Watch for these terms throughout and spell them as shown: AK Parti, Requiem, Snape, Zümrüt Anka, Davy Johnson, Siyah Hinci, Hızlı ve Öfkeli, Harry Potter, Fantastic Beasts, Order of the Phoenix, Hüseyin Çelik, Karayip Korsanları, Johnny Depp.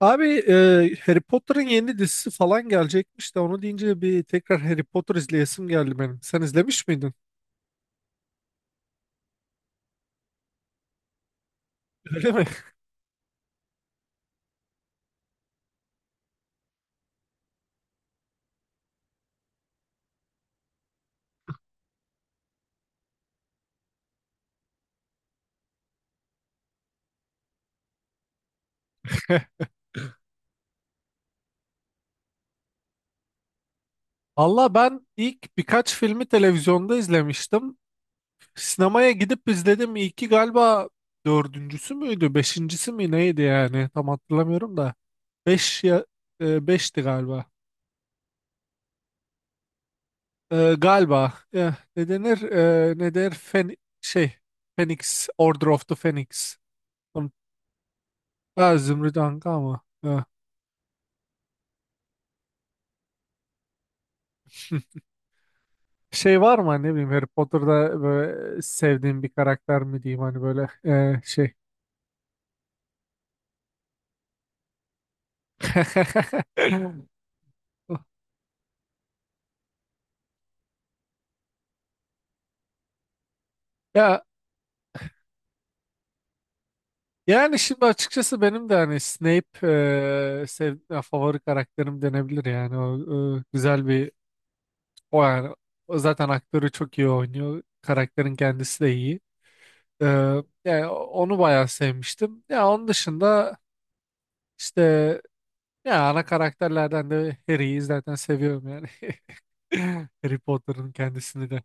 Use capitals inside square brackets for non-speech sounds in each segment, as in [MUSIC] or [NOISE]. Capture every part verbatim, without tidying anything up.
Abi e, Harry Potter'ın yeni dizisi falan gelecekmiş de onu deyince bir tekrar Harry Potter izleyesim geldi benim. Sen izlemiş miydin? Öyle mi? [LAUGHS] Valla ben ilk birkaç filmi televizyonda izlemiştim. Sinemaya gidip izledim. İlki galiba dördüncüsü müydü? Beşincisi mi neydi yani? Tam hatırlamıyorum da. Beş ya e, beşti galiba. E, galiba. E, ne denir? E, ne der? Fen şey. Phoenix. Order of the Phoenix. Tam- Ha, Zümrüt Anka ama. E. Şey var mı hani ne bileyim Harry Potter'da böyle sevdiğin bir karakter mi diyeyim hani böyle e, şey. [LAUGHS] Ya yani şimdi açıkçası benim de hani Snape e, sev, ya favori karakterim denebilir yani o e, güzel bir o yani o zaten aktörü çok iyi oynuyor, karakterin kendisi de iyi. E, Yani onu bayağı sevmiştim ya. Onun dışında işte ya, ana karakterlerden de Harry'yi zaten seviyorum yani. [LAUGHS] Harry Potter'ın kendisini de.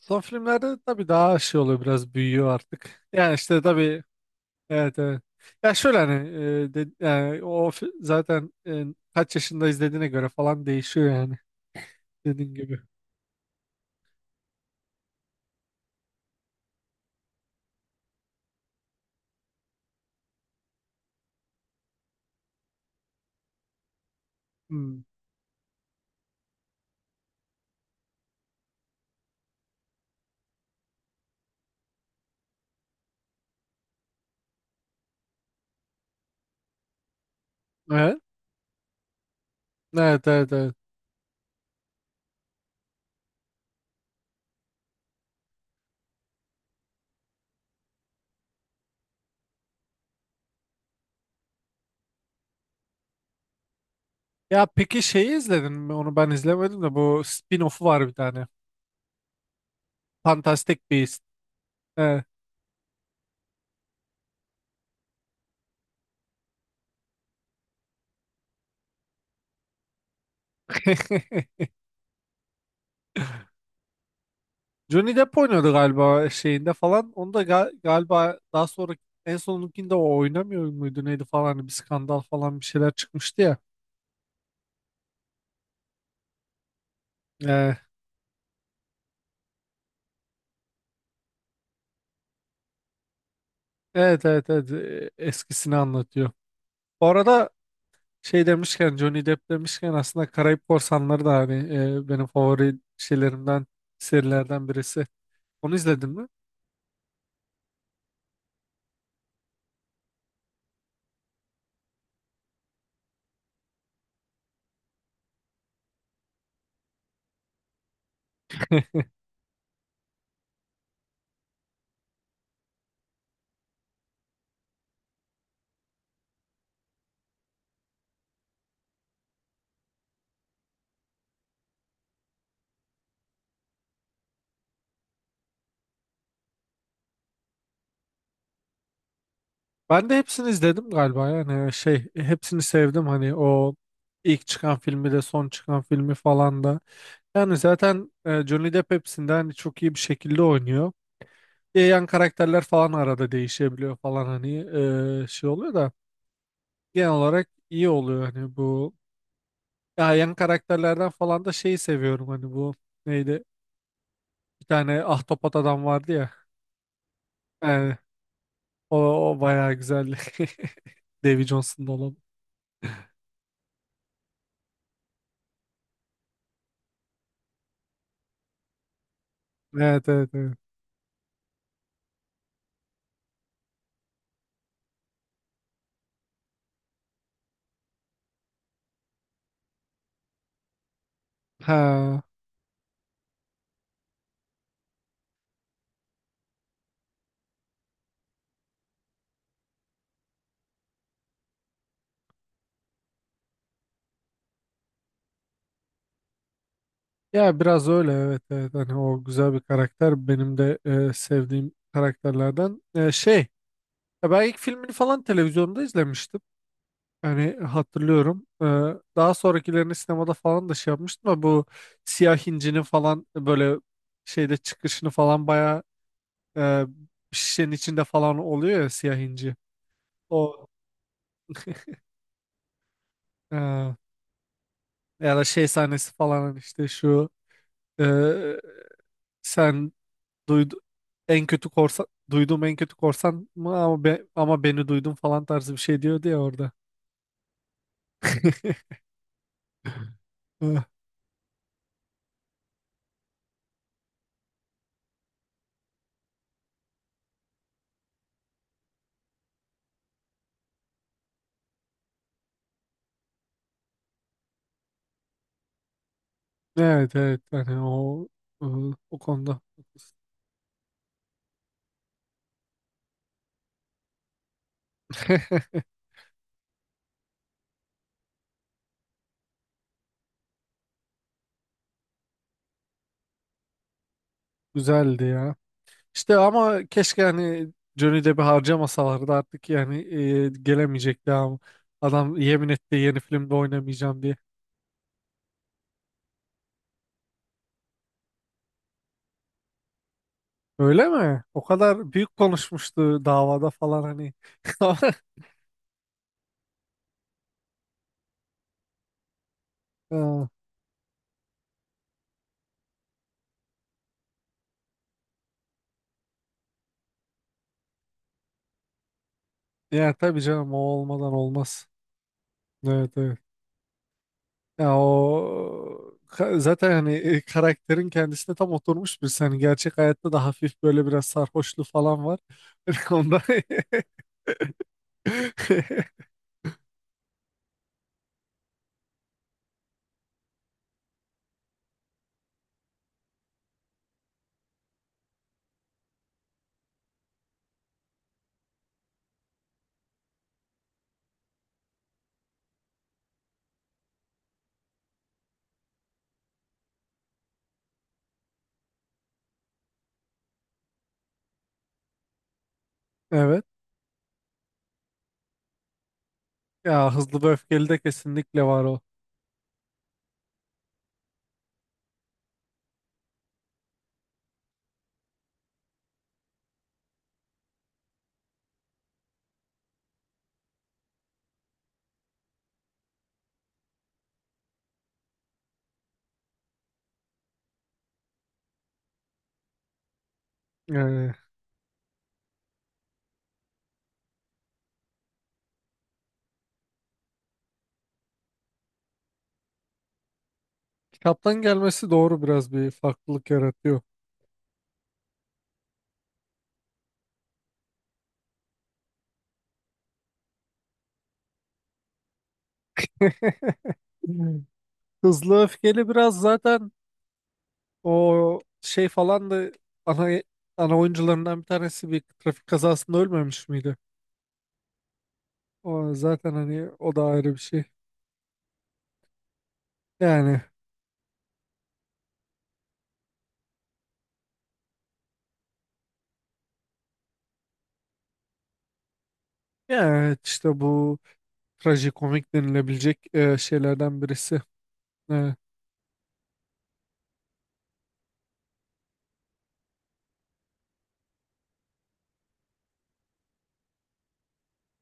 Son filmlerde tabii daha şey oluyor, biraz büyüyor artık. Yani işte tabii evet, evet. Ya şöyle hani e, de- yani o fi- zaten e, kaç yaşında izlediğine göre falan değişiyor yani, dediğin gibi. Hmm. Evet. Evet, evet, evet. Ya peki şeyi izledin mi? Onu ben izlemedim de, bu spin-off'u var bir tane. Fantastic Beasts. Evet. [LAUGHS] Johnny Depp oynuyordu galiba şeyinde falan. Onu da ga- galiba daha sonra en sonunkinde o oynamıyor muydu neydi falan, hani bir skandal falan bir şeyler çıkmıştı ya. Ee, evet, evet, evet. Ee, eskisini anlatıyor. Bu arada şey demişken, Johnny Depp demişken, aslında Karayip Korsanları da hani e, benim favori şeylerimden, serilerden birisi. Onu izledin mi? Ben de hepsini izledim galiba. Yani şey, hepsini sevdim hani o ilk çıkan filmi de son çıkan filmi falan da. Yani zaten e, Johnny Depp hepsinde hani çok iyi bir şekilde oynuyor. E, yan karakterler falan arada değişebiliyor falan hani, e, şey oluyor da genel olarak iyi oluyor hani bu. Ya yan karakterlerden falan da şeyi seviyorum, hani bu neydi? Bir tane ahtapot adam vardı ya. Yani o, o bayağı güzeldi. [LAUGHS] Davy Johnson'da olan. Evet, evet, evet. Ha. Ya biraz öyle, evet, evet, hani o güzel bir karakter, benim de e, sevdiğim karakterlerden. E, şey, ya ben ilk filmini falan televizyonda izlemiştim. Hani hatırlıyorum. E, daha sonrakilerini sinemada falan da şey yapmıştım ama bu Siyah Hinci'nin falan böyle şeyde çıkışını falan bayağı, e, şişenin içinde falan oluyor ya siyah inci. O e, ya da şey sahnesi falan hani işte şu, e, sen duydu en kötü korsan, duyduğum en kötü korsan mı, ama be- ama beni duydun falan tarzı bir şey diyordu ya orada. [LAUGHS] Eh, evet, evet, hani o, eh, o konuda [LAUGHS] güzeldi ya. İşte ama keşke hani Johnny Depp'i harcamasalardı artık. Yani eh, gelemeyecekti ama adam yemin etti, yeni filmde oynamayacağım diye. Öyle mi? O kadar büyük konuşmuştu davada falan hani. [LAUGHS] Ha, ya tabii canım, o olmadan olmaz. Evet, evet. Ya o ka- zaten hani e, karakterin kendisine tam oturmuş bir, hani gerçek hayatta da hafif böyle biraz sarhoşluğu falan var. [LAUGHS] Onda [LAUGHS] evet. Ya Hızlı ve Öfkeli de kesinlikle var o. Yani kitaptan gelmesi doğru, biraz bir farklılık yaratıyor. [LAUGHS] Hmm. Hızlı Öfkeli biraz zaten, o şey falan da ana, ana oyuncularından bir tanesi bir trafik kazasında ölmemiş miydi? O zaten hani o da ayrı bir şey. Yani yani evet, işte bu trajikomik denilebilecek e, şeylerden birisi. Evet,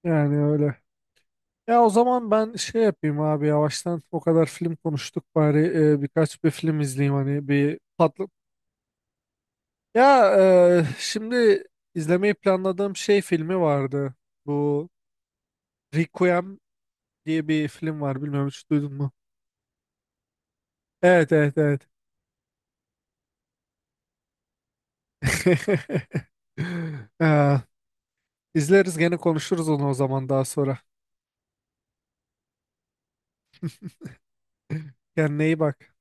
yani öyle. Ya o zaman ben şey yapayım abi, yavaştan o kadar film konuştuk, bari e, birkaç bir film izleyeyim hani, bir patlı. Ya e, şimdi izlemeyi planladığım şey filmi vardı. Bu Requiem diye bir film var. Bilmiyorum, hiç duydun mu? Evet, evet, evet. [LAUGHS] Ee, izleriz, gene konuşuruz onu o zaman daha sonra. Kendine iyi bak.